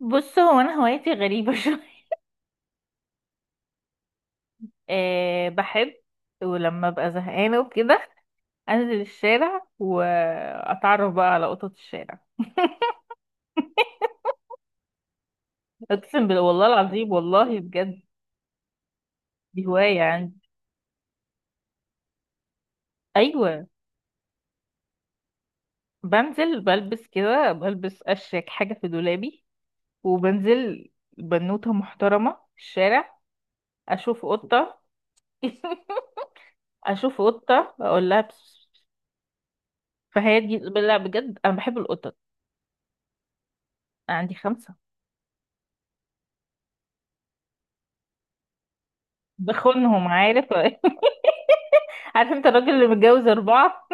بص هو انا هوايتي غريبه شويه. أه، بحب. ولما ابقى زهقانه وكده انزل الشارع واتعرف بقى على قطط الشارع اقسم بالله والله العظيم والله بجد. دي هوايه عندي. ايوه. بنزل بلبس كده بلبس اشيك حاجه في دولابي وبنزل بنوته محترمه في الشارع. اشوف قطه اشوف قطه اقول لها بس- فهي دي لا بجد انا بحب القطط. عندي خمسه. بخونهم عارف عارف انت الراجل اللي متجوز اربعة.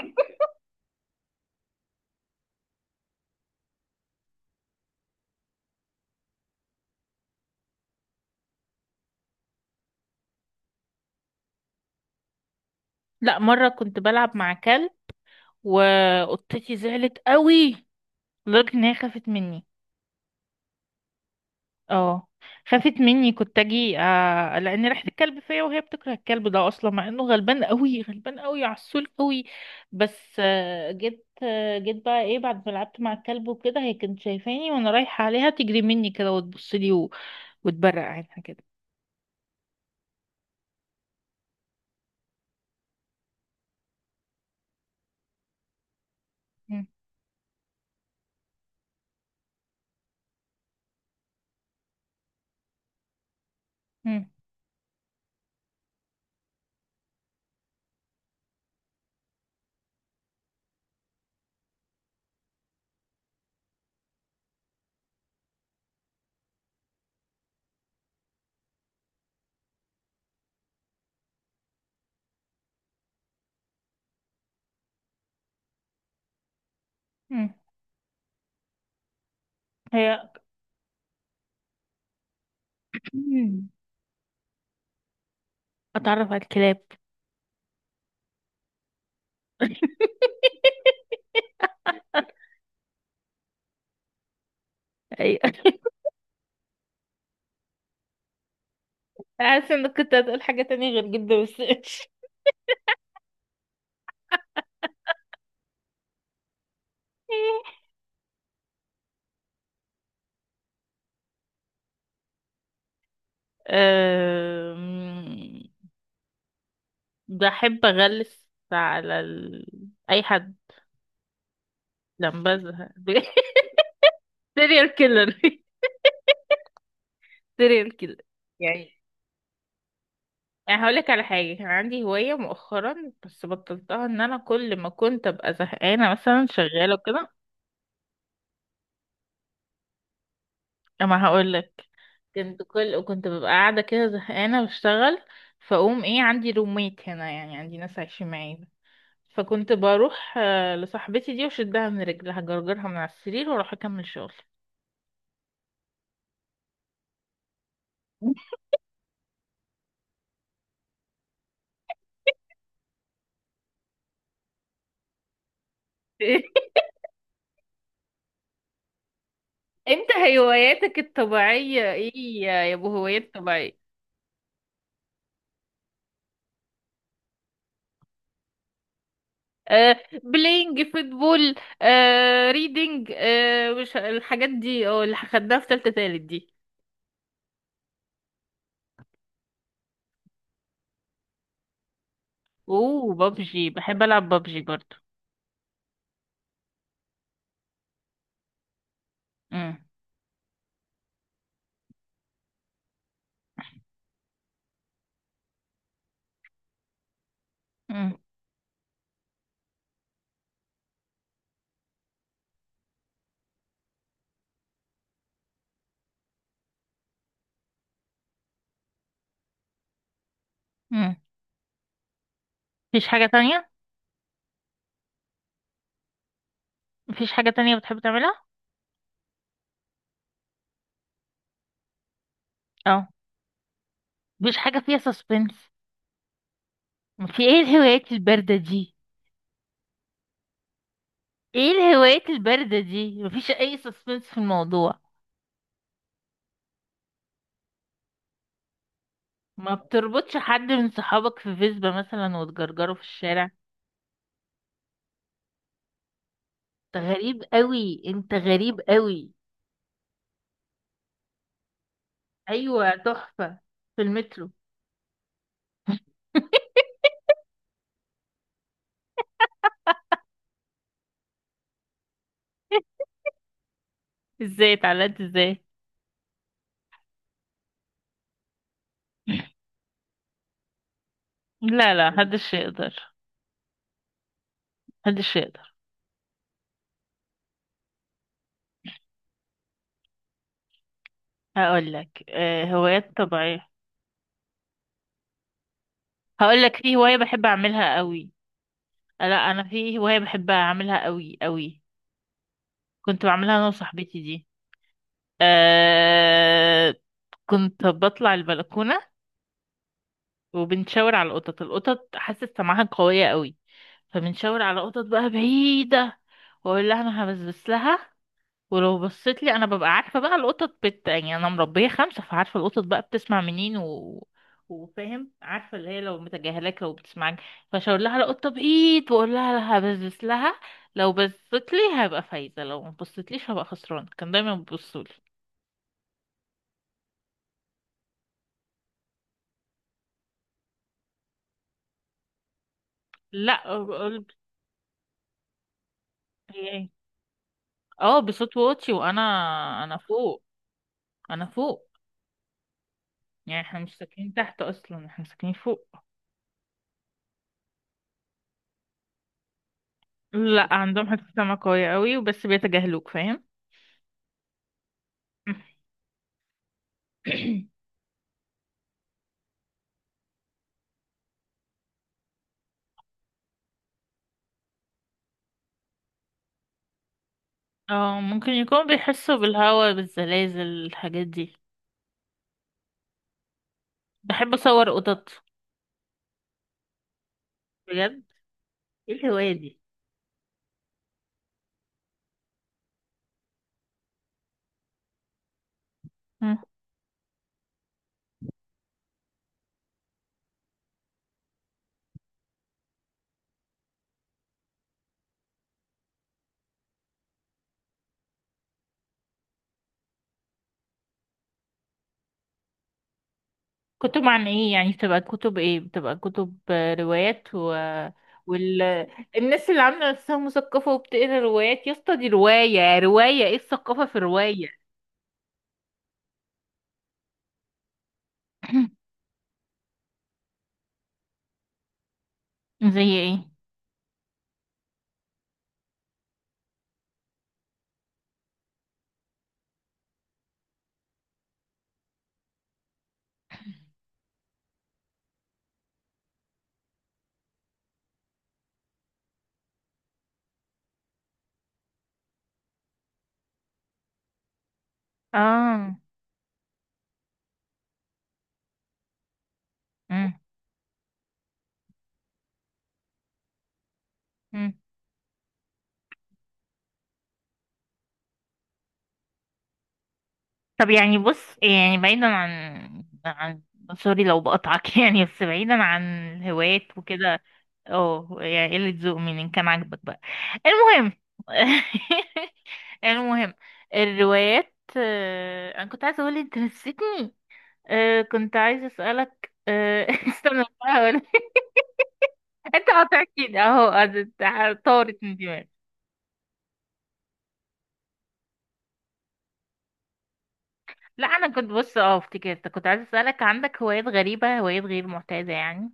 لا مرة كنت بلعب مع كلب وقطتي زعلت قوي لدرجة ان هي خافت مني. اه، خافت مني كنت اجي لان ريحة الكلب فيا، وهي بتكره الكلب ده اصلا مع انه غلبان قوي غلبان قوي عسول قوي. بس جيت بقى ايه بعد ما لعبت مع الكلب وكده، هي كانت شايفاني وانا رايحة عليها تجري مني كده وتبص لي وتبرق عينها كده. مم. مم. مم. هي. مم. اتعرف على الكلاب. ايوه. حاسه انك كنت هتقول حاجه تانية غير جدا، بس ماشي. أم، بحب اغلس على اي حد لما بزهق سيريال كيلر. سيريال كيلر يعني. يعني هقولك على حاجة كان عندي هواية مؤخرا بس بطلتها، ان انا كل ما كنت ابقى زهقانة مثلا شغالة وكده. اما هقولك. كنت ببقى قاعدة كده زهقانة بشتغل. فأقوم ايه، عندي روميت هنا يعني، عندي ناس عايشين معايا. فكنت بروح لصاحبتي دي وشدها من رجلها جرجرها من على السرير واروح اكمل شغل. انت هواياتك الطبيعية ايه، يا ابو هوايات طبيعية؟ آه بلاينج فوتبول. ريدنج، مش الحاجات دي، اه اللي خدناها في تالتة تالت دي. اوه، بابجي، بحب العب بابجي برضو. امم. امم. امم. مفيش حاجة تانية؟ مفيش حاجة تانية بتحب تعملها؟ اه. مفيش حاجة فيها سسبنس؟ في ايه الهوايات الباردة دي؟ ايه الهوايات الباردة دي، مفيش اي سسبنس في الموضوع؟ ما بتربطش حد من صحابك في فيسبا مثلا وتجرجره في الشارع؟ انت غريب قوي، انت غريب قوي. ايوه، تحفة. في المترو. ازاي اتعلقت ازاي؟ لا لا، محدش يقدر. محدش يقدر. هقول لك هوايات طبيعية. هقول لك في هواية بحب اعملها قوي. لا انا في هوايه بحب اعملها قوي قوي. كنت بعملها انا وصاحبتي دي. أه. كنت بطلع البلكونه وبنشاور على القطط. حاسه سمعها قويه قوي، فبنشاور على قطط بقى بعيده واقول لها انا هبسبس لها. ولو بصيت لي انا ببقى عارفه بقى، القطط يعني انا مربيه خمسه فعارفه القطط بقى بتسمع منين، وفاهم، عارفه اللي هي لو متجاهلاك لو بتسمعك. فشاور لها على قطه بايد واقول لها بزبز لها. لو بصيت لي هبقى فايزه، لو ما بصيتليش هبقى خسران. كان دايما بيبصوا لي. لا، بقول. هي إيه؟ اه، بصوت واطي، انا فوق. انا فوق، يعني احنا مش ساكنين تحت اصلا، احنا ساكنين فوق. لا عندهم حته سمع قويه قوي، وبس بيتجاهلوك فاهم. اه، ممكن يكونوا بيحسوا بالهوا، بالزلازل، الحاجات دي. بحب اصور قطط. بجد؟ ايه الهواية دي؟ مم. كتب عن ايه يعني؟ بتبقى كتب ايه؟ بتبقى كتب روايات و... وال الناس اللي عامله نفسها مثقفه وبتقرا روايات يا اسطى، دي روايه، روايه، ايه الثقافه في روايه؟ زي ايه؟ اه. مم. مم. طب يعني بص، يعني بعيدا عن، سوري لو بقطعك يعني بس بعيدا عن الهوايات وكده. اه، يعني قلة ذوق من إن كان عاجبك بقى. المهم. المهم. الروايات، انا كنت عايزه اقول انت نسيتني. كنت عايزه اسالك، استنى، بحاول انت قاطعتني اهو، طارت من دماغي. لا انا كنت، بص اه افتكرت، كنت عايزه اسالك عندك هوايات غريبه، هوايات غير معتاده يعني.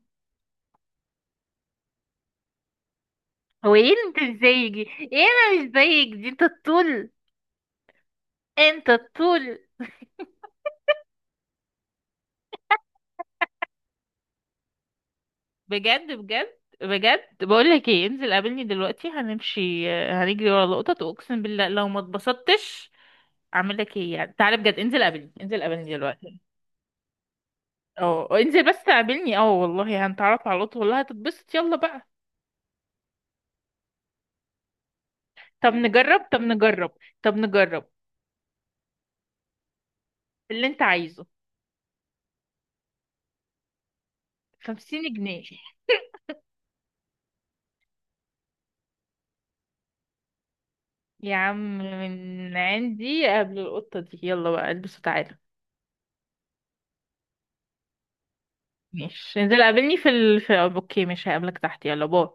هو ايه اللي انت مش زيي دي؟ ايه؟ انا مش زيك دي، انت الطول. انت الطول. بجد بجد بجد، بقول لك ايه، انزل قابلني دلوقتي، هنمشي هنجري ورا القطط، واقسم بالله لو ما اتبسطتش اعمل لك ايه يعني. تعالى بجد، انزل قابلني، انزل قابلني دلوقتي. اه انزل بس قابلني، اه والله هنتعرف على القطط، والله هتتبسط، يلا بقى. طب نجرب، طب نجرب، طب نجرب. اللي انت عايزه. 50 جنيه. يا عم من عندي قبل، القطة دي يلا بقى، البس وتعالى. ماشي، انزل قابلني في اوكي، مش هقابلك تحت، يلا، باي.